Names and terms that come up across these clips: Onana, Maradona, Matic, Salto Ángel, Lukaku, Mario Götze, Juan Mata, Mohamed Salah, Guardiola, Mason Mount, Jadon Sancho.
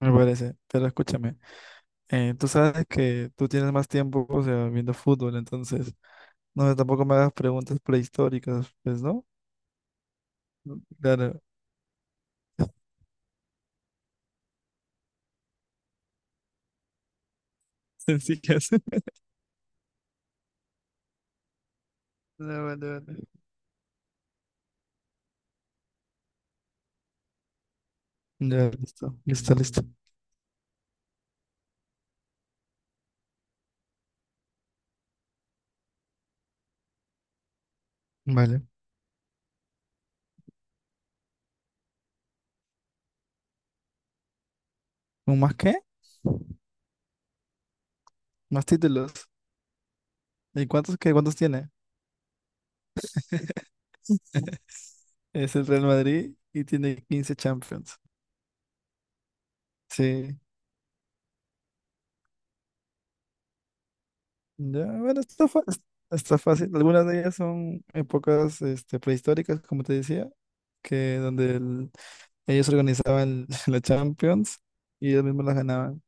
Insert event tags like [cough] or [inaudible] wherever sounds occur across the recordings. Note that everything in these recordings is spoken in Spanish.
Me parece, pero escúchame, tú sabes que tú tienes más tiempo, o sea, viendo fútbol, entonces, no, tampoco me hagas preguntas prehistóricas, pues, ¿no? Claro, [laughs] sí que hace. Vale, vale, vale. Ya, listo, listo, listo. Vale. ¿Un más qué? Más títulos. ¿Y cuántos qué? ¿Cuántos tiene? [laughs] Es el Real Madrid y tiene 15 Champions. Sí, ya, bueno, está fácil. Algunas de ellas son épocas prehistóricas, como te decía, que donde ellos organizaban [laughs] la Champions y ellos mismos las ganaban.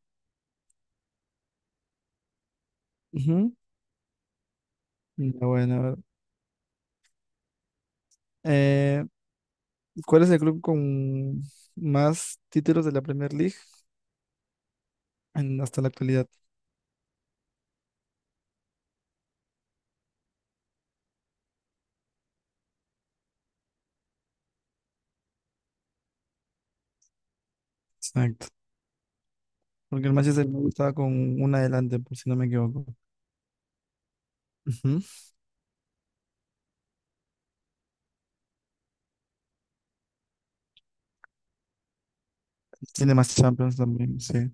Ujú. Ya, bueno, a ver. Eh, ¿Cuál es el club con más títulos de la Premier League hasta la actualidad? Exacto. Porque el Manchester me estaba con una adelante, por si no me equivoco. Ujú. Tiene más Champions también, sí.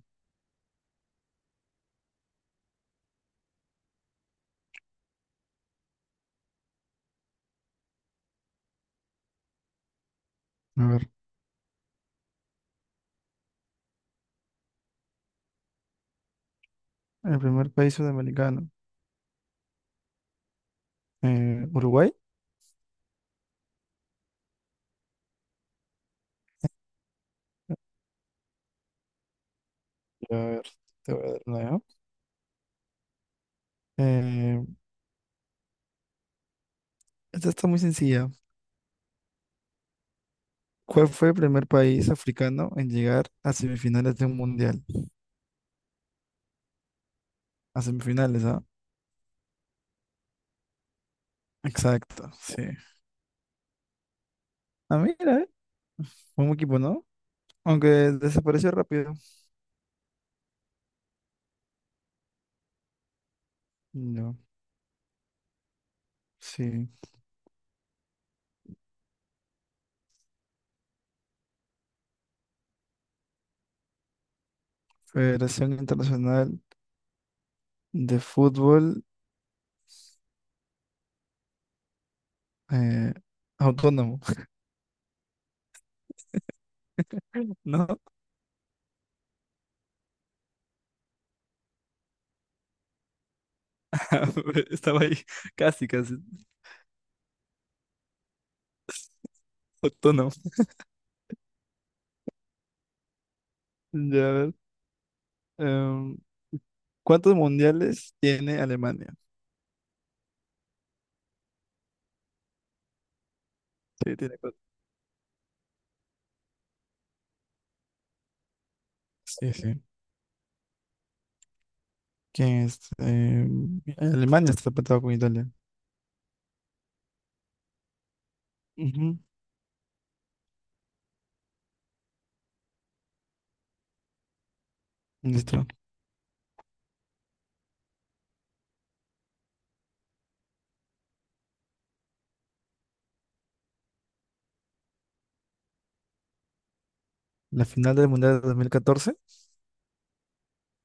A ver, el primer país sudamericano, Uruguay. A ver, te voy a dar una, ¿ya? Eh, esta está muy sencilla. ¿Cuál fue el primer país africano en llegar a semifinales de un mundial? A semifinales, ¿ah? Exacto, sí. Ah, mira, ¿eh? Un equipo, ¿no? Aunque desapareció rápido. No, sí. Federación Internacional de Fútbol, eh, Autónomo, [laughs] ¿no? [laughs] Estaba ahí casi, casi. Autónomo. Ya, a ver. em, ¿Cuántos mundiales tiene Alemania? Sí, tiene cuatro. Sí, sí. ¿Quién es? Alemania está empatado con Italia. Ujú. Listo. La final del Mundial de 2014,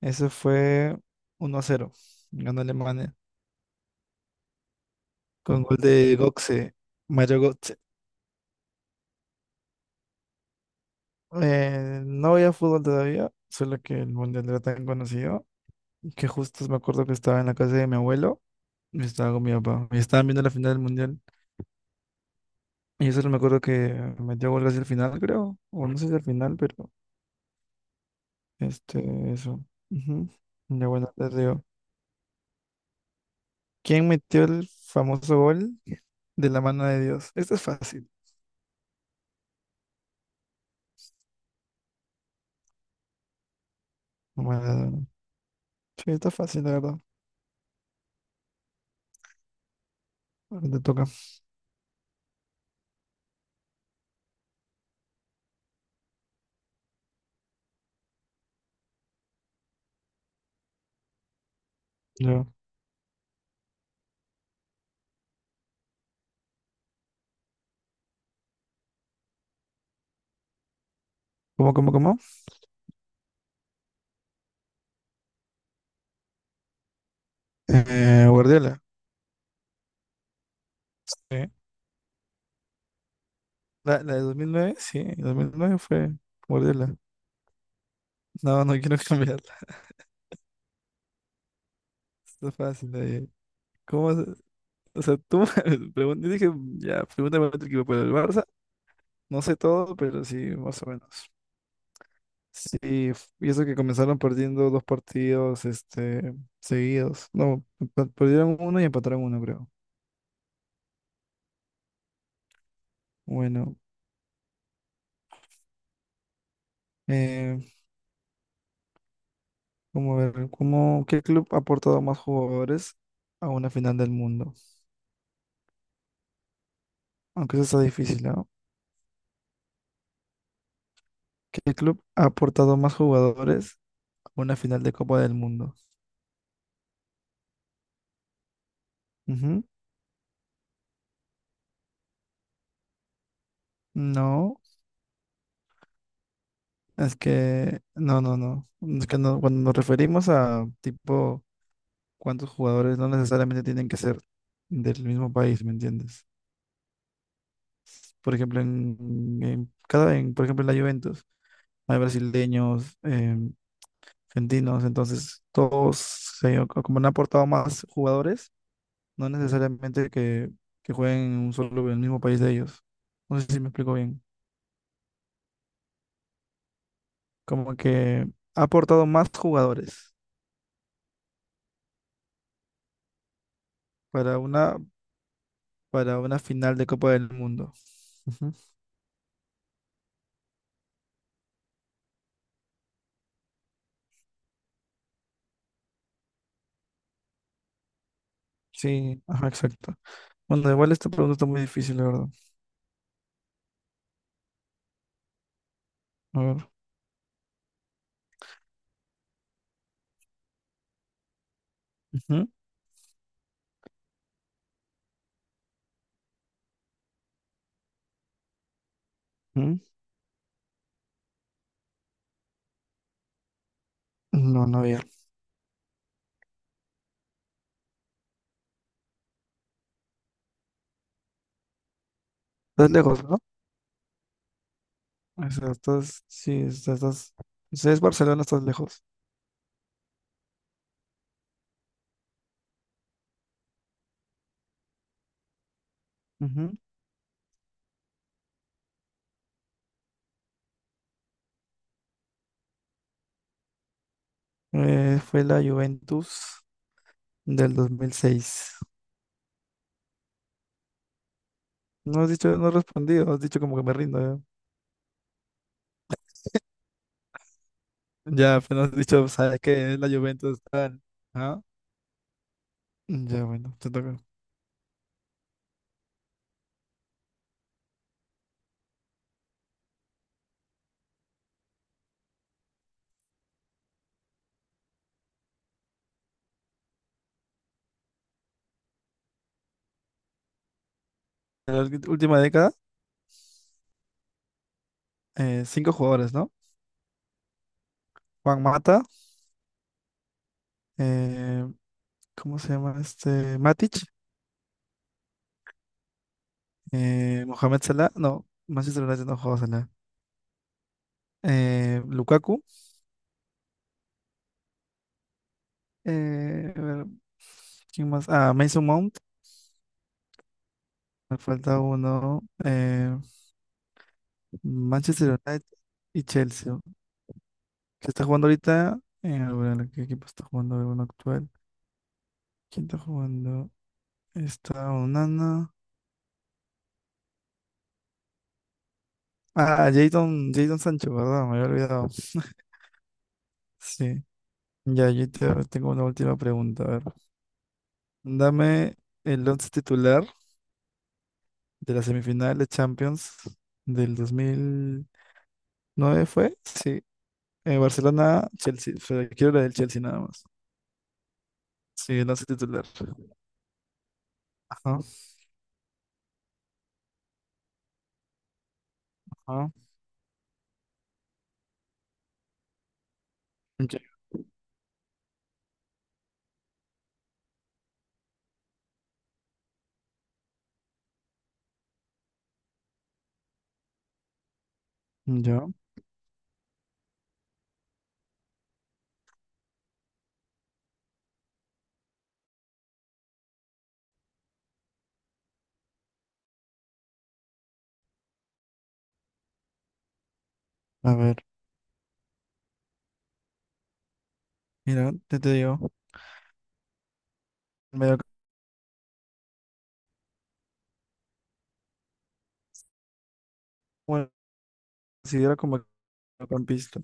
ese fue 1-0. Ganó Alemania con gol de Götze, Mario Götze. No veía fútbol todavía, solo que el Mundial era tan conocido que justo me acuerdo que estaba en la casa de mi abuelo y estaba con mi papá. Y estaban viendo la final del Mundial. Y yo solo me acuerdo que metió gol casi el final, creo. O no sé si al final, pero eso. Ujú. Ya, bueno, te digo. ¿Quién metió el famoso gol de la mano de Dios? Esto es fácil. Maradona. Sí, está fácil, la verdad. Ahora te toca. Yo. ¿Cómo, cómo, cómo? Guardiola. Sí. La de 2009 sí. 2009 fue Guardiola. No, no quiero [laughs] cambiarla. Está fácil. ¿Cómo? O sea, tú me [laughs] yo dije, ya, pregúntame otro equipo, pero el Barça, no sé todo, pero sí, más o menos. Sí, y eso que comenzaron perdiendo dos partidos, este, seguidos. No, perdieron uno y empataron uno, creo. Bueno, eh, como ver, ¿cómo, qué club ha aportado más jugadores a una final del mundo? Aunque eso está difícil, ¿no? ¿Qué club ha aportado más jugadores a una final de Copa del Mundo? Ujú. No, es que, no, no, no. Es que no, cuando nos referimos a tipo cuántos jugadores no necesariamente tienen que ser del mismo país, ¿me entiendes? Por ejemplo, en cada, por ejemplo, en la Juventus hay brasileños, argentinos, entonces todos se, o como han aportado más jugadores, no necesariamente que jueguen en un solo, en el mismo país de ellos. No sé si me explico bien. Como que ha aportado más jugadores para una, para una final de Copa del Mundo. Ujú. Sí, ajá, exacto. Bueno, igual esta pregunta está muy difícil, la verdad. A ver. Ujú, ujú. No, no había. Estás lejos, ¿no? O sea, estás, sí, o sea, estás, o sea, es Barcelona, estás lejos. Ujú. Fue la Juventus del 2006. No has dicho, no has respondido, has dicho como que me rindo. Ya, ya, pero no has dicho, ¿sabes qué? Es la Juventus tal. ¿Ah? Ya, bueno, te toca. En la última década, cinco jugadores, ¿no? Juan Mata, eh, ¿cómo se llama este? Matic, Mohamed Salah, no, Manchester United no jugó a Salah. Lukaku. A ver, ¿quién más? Ah, Mason Mount. Me falta uno. Manchester United y Chelsea. ¿Qué está jugando ahorita? A ver, ¿qué equipo está jugando? A ver, uno actual. ¿Quién está jugando? Está Onana. Ah, Jadon Sancho, perdón, me había olvidado. [laughs] Sí. Ya, yo tengo una última pregunta. A ver, dame el 11 titular de la semifinal de Champions del 2009 ¿fue? Sí. Barcelona, Chelsea. Pero quiero la del Chelsea nada más. Sí, la hace titular. Ajá, ajá. Ya, ya. A ver, mira, te digo. Medio, bueno, considero como campista.